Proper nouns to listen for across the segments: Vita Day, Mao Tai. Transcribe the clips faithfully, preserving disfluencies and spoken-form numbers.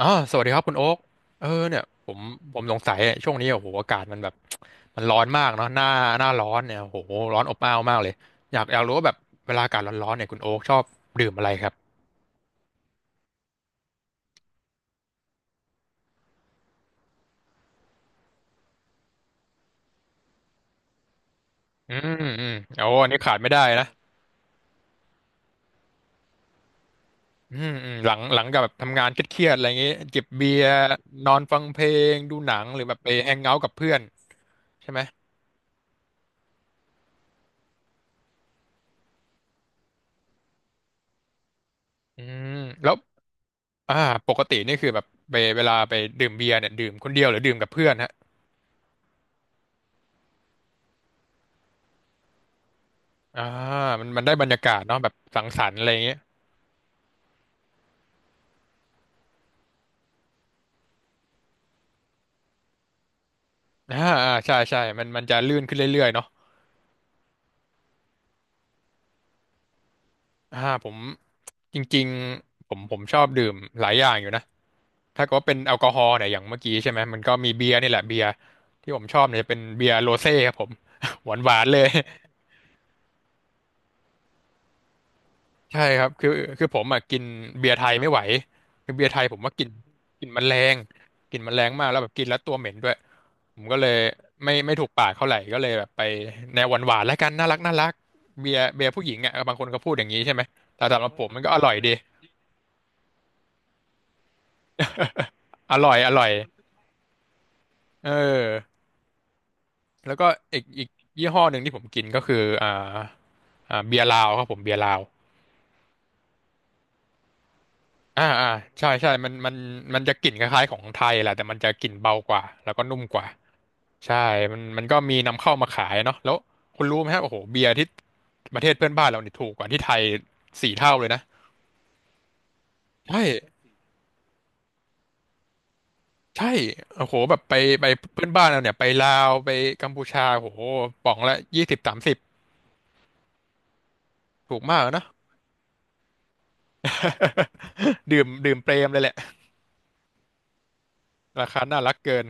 อ่าสวัสดีครับคุณโอ๊กเออเนี่ยผมผมสงสัยเนี่ยช่วงนี้โอ้โหอากาศมันแบบมันร้อนมากเนาะหน้าหน้าร้อนเนี่ยโอ้โหร้อนอบอ้าวมากเลยอยากอยากรู้ว่าแบบเวลาอากาศร้อนๆเนี่ยคุณโอ๊กชอบดื่มอะไรครับอืมอืมโอ้อันนี้ขาดไม่ได้นะอืมอืมหลังหลังจากแบบทำงานเครียดๆอะไรอย่างงี้จิบเบียร์นอนฟังเพลงดูหนังหรือแบบไปแฮงเอาท์กับเพื่อนใช่ไหมอืมแล้วอ่าปกตินี่คือแบบไปเวลาไปดื่มเบียร์เนี่ยดื่มคนเดียวหรือดื่มกับเพื่อนฮะ อ่ามันมันได้บรรยากาศเนาะแบบสังสรรค์อะไรอย่างเงี้ยอ่าอ่าใช่ใช่มันมันจะลื่นขึ้นเรื่อยๆเนาะอ่าผมจริงๆผมผมชอบดื่มหลายอย่างอยู่นะถ้าเก็เป็นแอลกอฮอล์เนี่ยอย่างเมื่อกี้ใช่ไหมมันก็มีเบียร์นี่แหละเบียร์ที่ผมชอบเนี่ยจะเป็นเบียร์โรเซ่ครับผม หวานหวานเลย ใช่ครับคือคือผมอ่ะกินเบียร์ไทยไม่ไหวคือเบียร์ไทยผมว่ากลิ่นกลิ่นมันแรงกลิ่นมันแรงมากแล้วแบบกินแล้วตัวเหม็นด้วยผมก็เลยไม่ไม่ถูกปากเท่าไหร่ก็เลยแบบไปแนวหวานหวานแล้วกันน่ารักน่ารักเบียร์เบียร์ผู้หญิงอ่ะบางคนก็พูดอย่างนี้ใช่ไหมแต่สำหรับผมมันก็อร่อยดีอร่อยอร่อยเออแล้วก็อีกอีกยี่ห้อหนึ่งที่ผมกินก็คืออ่าอ่าเบียร์ลาวครับผมเบียร์ลาวอ่าอ่าใช่ใช่มันมันมันจะกลิ่นคล้ายๆของไทยแหละแต่มันจะกลิ่นเบากว่าแล้วก็นุ่มกว่า ใช่มันมันก็มีนำเข้ามาขายเนาะแล้วคุณรู้ไหมฮะโอ้โหเบียร์ที่ประเทศเพื่อนบ้านเราเนี่ยถูกกว่าที่ไทยสี่เท่าเลยนะ ใช่ใช่โอ้โห แบบไปไปเพื่อนบ้านเราเนี่ยไปลาวไปกัมพูชาโอ้โหป๋องละยี่สิบสามสิบถูกมากนะ ดื่มดื่มเปรมเลยแหละ ราคาน่ารักเกิน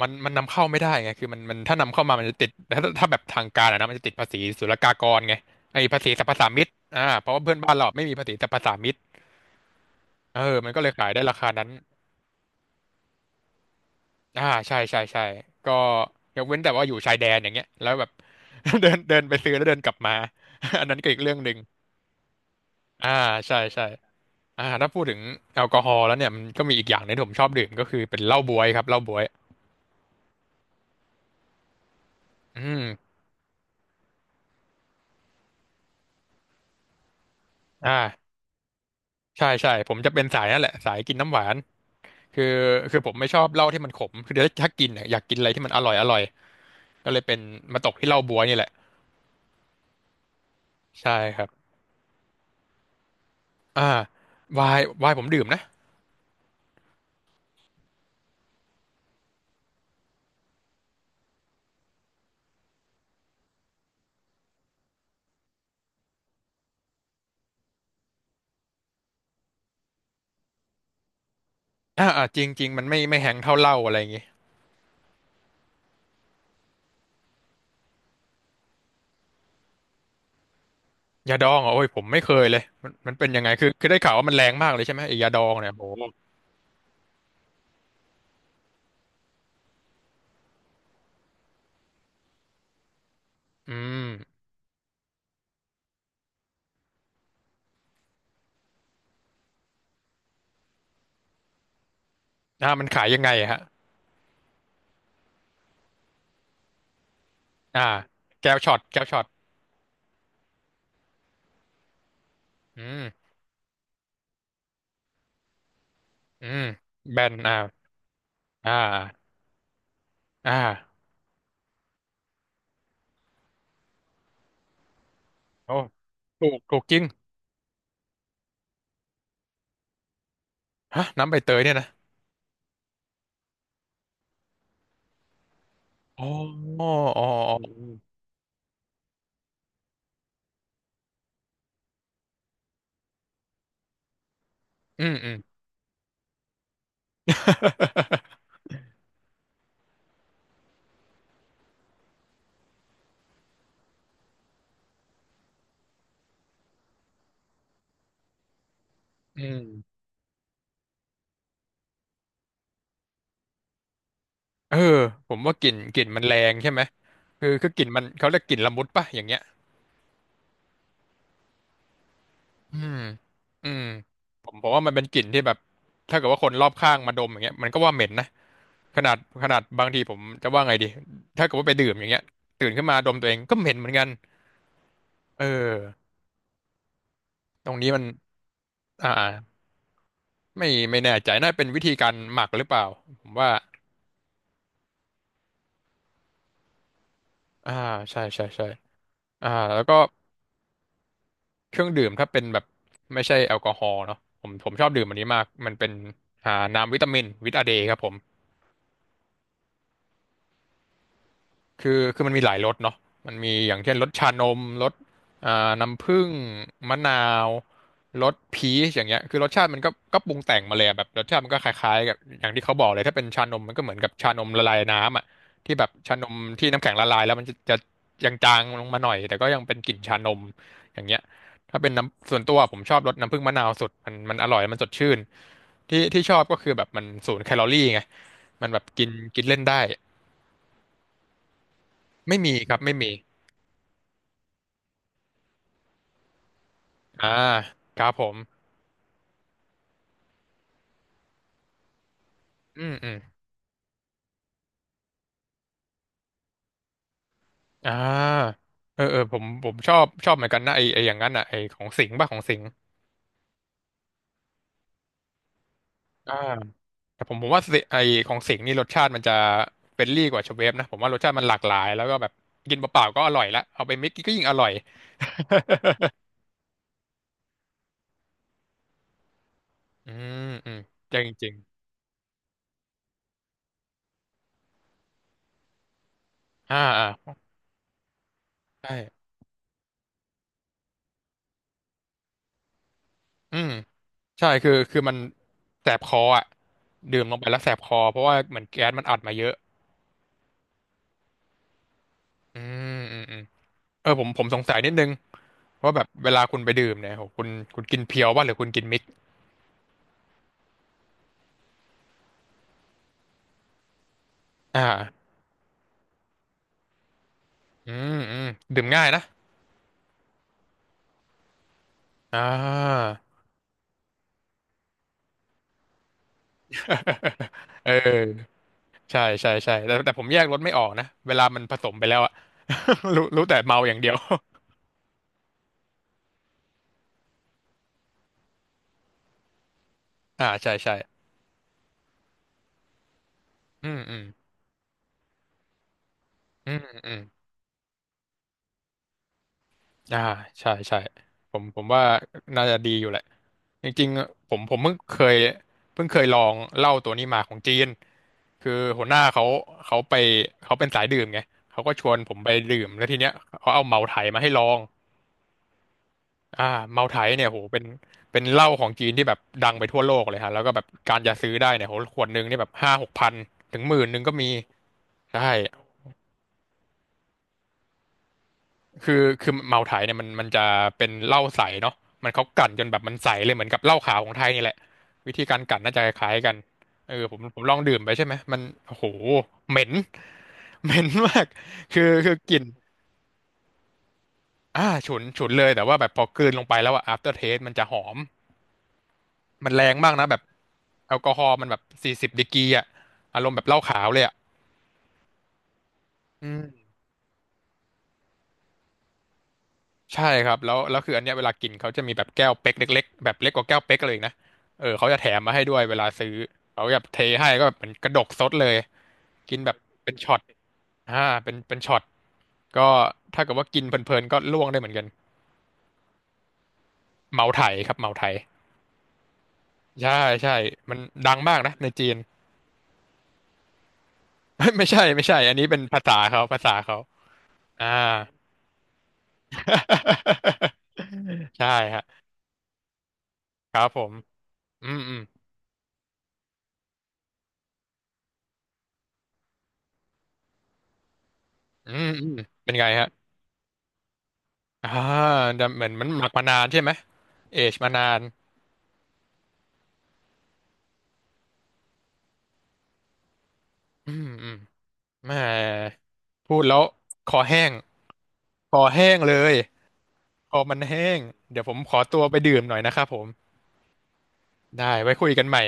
มันมันนำเข้าไม่ได้ไงคือมันมันถ้านำเข้ามามันจะติดแต่ถ้าถ้าแบบทางการอะนะมันจะติดภาษีศุลกากรไงไอ้ภาษีสรรพสามิตอ่าเพราะว่าเพื่อนบ้านเราไม่มีภาษีสรรพสามิตเออมันก็เลยขายได้ราคานั้น อ่าใช่ใช่ใช่ก็ยกเว้นแต่ว่าอยู่ชายแดนอย่างเงี้ยแล้วแบบ เดินเดินไปซื้อแล้วเดินกลับมา อันนั้นก็อีกเรื่องหนึ่งอ่าใช่ใช่อ่าถ้าพูดถึงแอลกอฮอล์แล้วเนี่ยมันก็มีอีกอย่างหนึงที่ผมชอบดื่มก็คือเป็นเหล้าบ๊วยครับเหล้าบ๊วยอืมอ่าใช่ใช่ผมจะเป็นสายนั่นแหละสายกินน้ำหวานคือคือผมไม่ชอบเหล้าที่มันขมคือเดี๋ยวถ้ากินเนี่ยอยากกินอะไรที่มันอร่อยอร่อยก็เลยเป็นมาตกที่เหล้าบ๊วยนี่แหละใช่ครับอ่าไวน์ไวน์ผมดื่มนะอ่าอ่าจริงจริงมันไม่ไม่แฮงเท่าเหล้าอะไรอย่างงี้ ยาดองเหรอโอ้ยผมไม่เคยเลยมันมันเป็นยังไงคือคือได้ข่าวว่ามันแรงมากเลยใช่ไหมไอ้ยาดองเนี่ยโอ้โหอืมอ่ามันขายยังไงอะฮะอ่าแก้วช็อตแก้วช็อตอืมอืมแบนอ่าอ่าอ่าโอ้ถูกถูกจริงฮะน้ำใบเตยเนี่ยนะอ๋ออ๋ออ๋ออืมอืม อืมเออผมว่ากลิ่นกลิ่นมันแรงใช่ไหมคือคือกลิ่นมันเขาเรียกกลิ่นละมุดป่ะอย่างเงี้ย อืมอืมผมผมว่ามันเป็นกลิ่นที่แบบถ้าเกิดว่าคนรอบข้างมาดมอย่างเงี้ยมันก็ว่าเหม็นนะขนาดขนาดบางทีผมจะว่าไงดีถ้าเกิดว่าไปดื่มอย่างเงี้ยตื่นขึ้นมาดมตัวเองก็เหม็นเหมือนกันเออตรงนี้มันอ่าไม่ไม่แน่ใจน่าเป็นวิธีการหมักหรือเปล่าผมว่าอ่าใช่ใช่ใช่อ่าแล้วก็เครื่องดื่มถ้าเป็นแบบไม่ใช่แอลกอฮอล์เนาะผมผมชอบดื่มอันนี้มากมันเป็นอ่าน้ำวิตามินวิตาเดย์ครับผม คือคือมันมีหลายรสเนาะมันมีอย่างเช่นรสชานมรสอ่าน้ำผึ้งมะนาวรสพีชอย่างเงี้ยคือรสชาติมันก็ก็ปรุงแต่งมาเลยอะแบบรสชาติมันก็คล้ายๆกับอย่างที่เขาบอกเลยถ้าเป็นชานมมันก็เหมือนกับชานมละลายน้ำอ่ะที่แบบชานมที่น้ำแข็งละลายแล้วมันจะจะจางๆลงมาหน่อยแต่ก็ยังเป็นกลิ่นชานมอย่างเงี้ยถ้าเป็นน้ำส่วนตัวผมชอบรสน้ำผึ้งมะนาวสุดมันมันอร่อย มันสดชื่น ที่ที่ชอบก็คือแบบมันศูนย์แคลอรี่ไงมันแบบกินกินเล่นได้ไม่มีครับไม่มี อ่าครับผมอืมอืมอ่าเออเออผมผมชอบชอบเหมือนกันนะไอไออย่างนั้นอ่ะไอของสิงห์ป่ะของสิงห์อ่าแต่ผมผมว่าสิไอของสิงห์นี่รสชาติมันจะเฟรนลี่กว่าชเวฟนะผมว่ารสชาติมันหลากหลายแล้วก็แบบกินเปล่าๆก็อร่อยละเอาไปมิกก็ยิ่งอร่อย อืมอืมจริงจริงอ่าอ่าใช่อืมใช่คือคือมันแสบคออ่ะดื่มลงไปแล้วแสบคอเพราะว่าเหมือนแก๊สมันอัดมาเยอะอืมอืมอืม เออผมผมสงสัยนิดนึงว่าแบบเวลาคุณไปดื่มเนี่ยโหคุณคุณกินเพียวป่ะหรือคุณกินมิกซ์อ่าอืมอืมดื่มง่ายนะอ่า เออใช่ใช่ใช่แต่แต่ผมแยกรสไม่ออกนะเวลามันผสมไปแล้วอะ รู้รู้แต่เมาอย่างเดียว อ่าใช่ใช่อืมอืมอืมอืมอ่าใช่ใช่ผมผมว่าน่าจะดีอยู่แหละ จริงๆผมผมเพิ่งเคยเพิ่งเคยลองเหล้าตัวนี้มาของจีนคือหัวหน้าเขาเขาไปเขาเป็นสายดื่มไงเขาก็ชวนผมไปดื่มแล้วทีเนี้ยเขาเอาเมาไถมาให้ลองอ่าเมาไถเนี่ยโหเป็นเป็นเหล้าของจีนที่แบบดังไปทั่วโลกเลยฮะแล้วก็แบบการจะซื้อได้เนี่ยโหขวดหนึงนี่แบบห้าหกพันถึงหมื่นหนึงก็มีใช่ คือคือเมาไถเนี่ยมันมันจะเป็นเหล้าใสเนาะมันเขากลั่นจนแบบมันใสเลยเหมือนกับเหล้าขาวของไทยนี่แหละวิธีการกลั่นน่าจะคล้ายกันเออผมผมลองดื่มไปใช่ไหมมันโอ้โหเหม็น เหม็นมากคือคือกลิ่นอ่าฉุนฉุนเลยแต่ว่าแบบพอกลืนลงไปแล้วอะ after taste มันจะหอมมันแรงมากนะแบบแอลกอฮอล์มันแบบสี่สิบดีกรีอะอารมณ์แบบเหล้าขาวเลยอะอืม ใช่ครับแล้วแล้วคืออันเนี้ยเวลากินเขาจะมีแบบแก้วเป๊กเล็กๆแบบเล็กกว่าแก้วเป๊กเลยนะเออเขาจะแถมมาให้ด้วยเวลาซื้อเขาแบบเทให้ก็แบบเหมือนกระดกซดเลยกินแบบเป็นช็อตอ่าเป็นเป็นช็อตก็ถ้าเกิดว่ากินเพลินๆก็ล่วงได้เหมือนกันเมาไถครับเมาไถใช่ใช่มันดังมากนะในจีน ไม่ไม่ใช่ไม่ใช่อันนี้เป็นภาษาเขาภาษาเขาอ่า ใช่ฮะครับผมอืมอืมอืมอืมเป็นไงฮะ อ่าแต่เหมือนมันหมักมานานใช่ไหม เอจมานานอืมอืมแหมพูดแล้วคอแห้งคอแห้งเลยคอมันแห้ง เดี๋ยวผมขอตัวไปดื่มหน่อยนะครับผม ได้ไว้คุยกันใหม่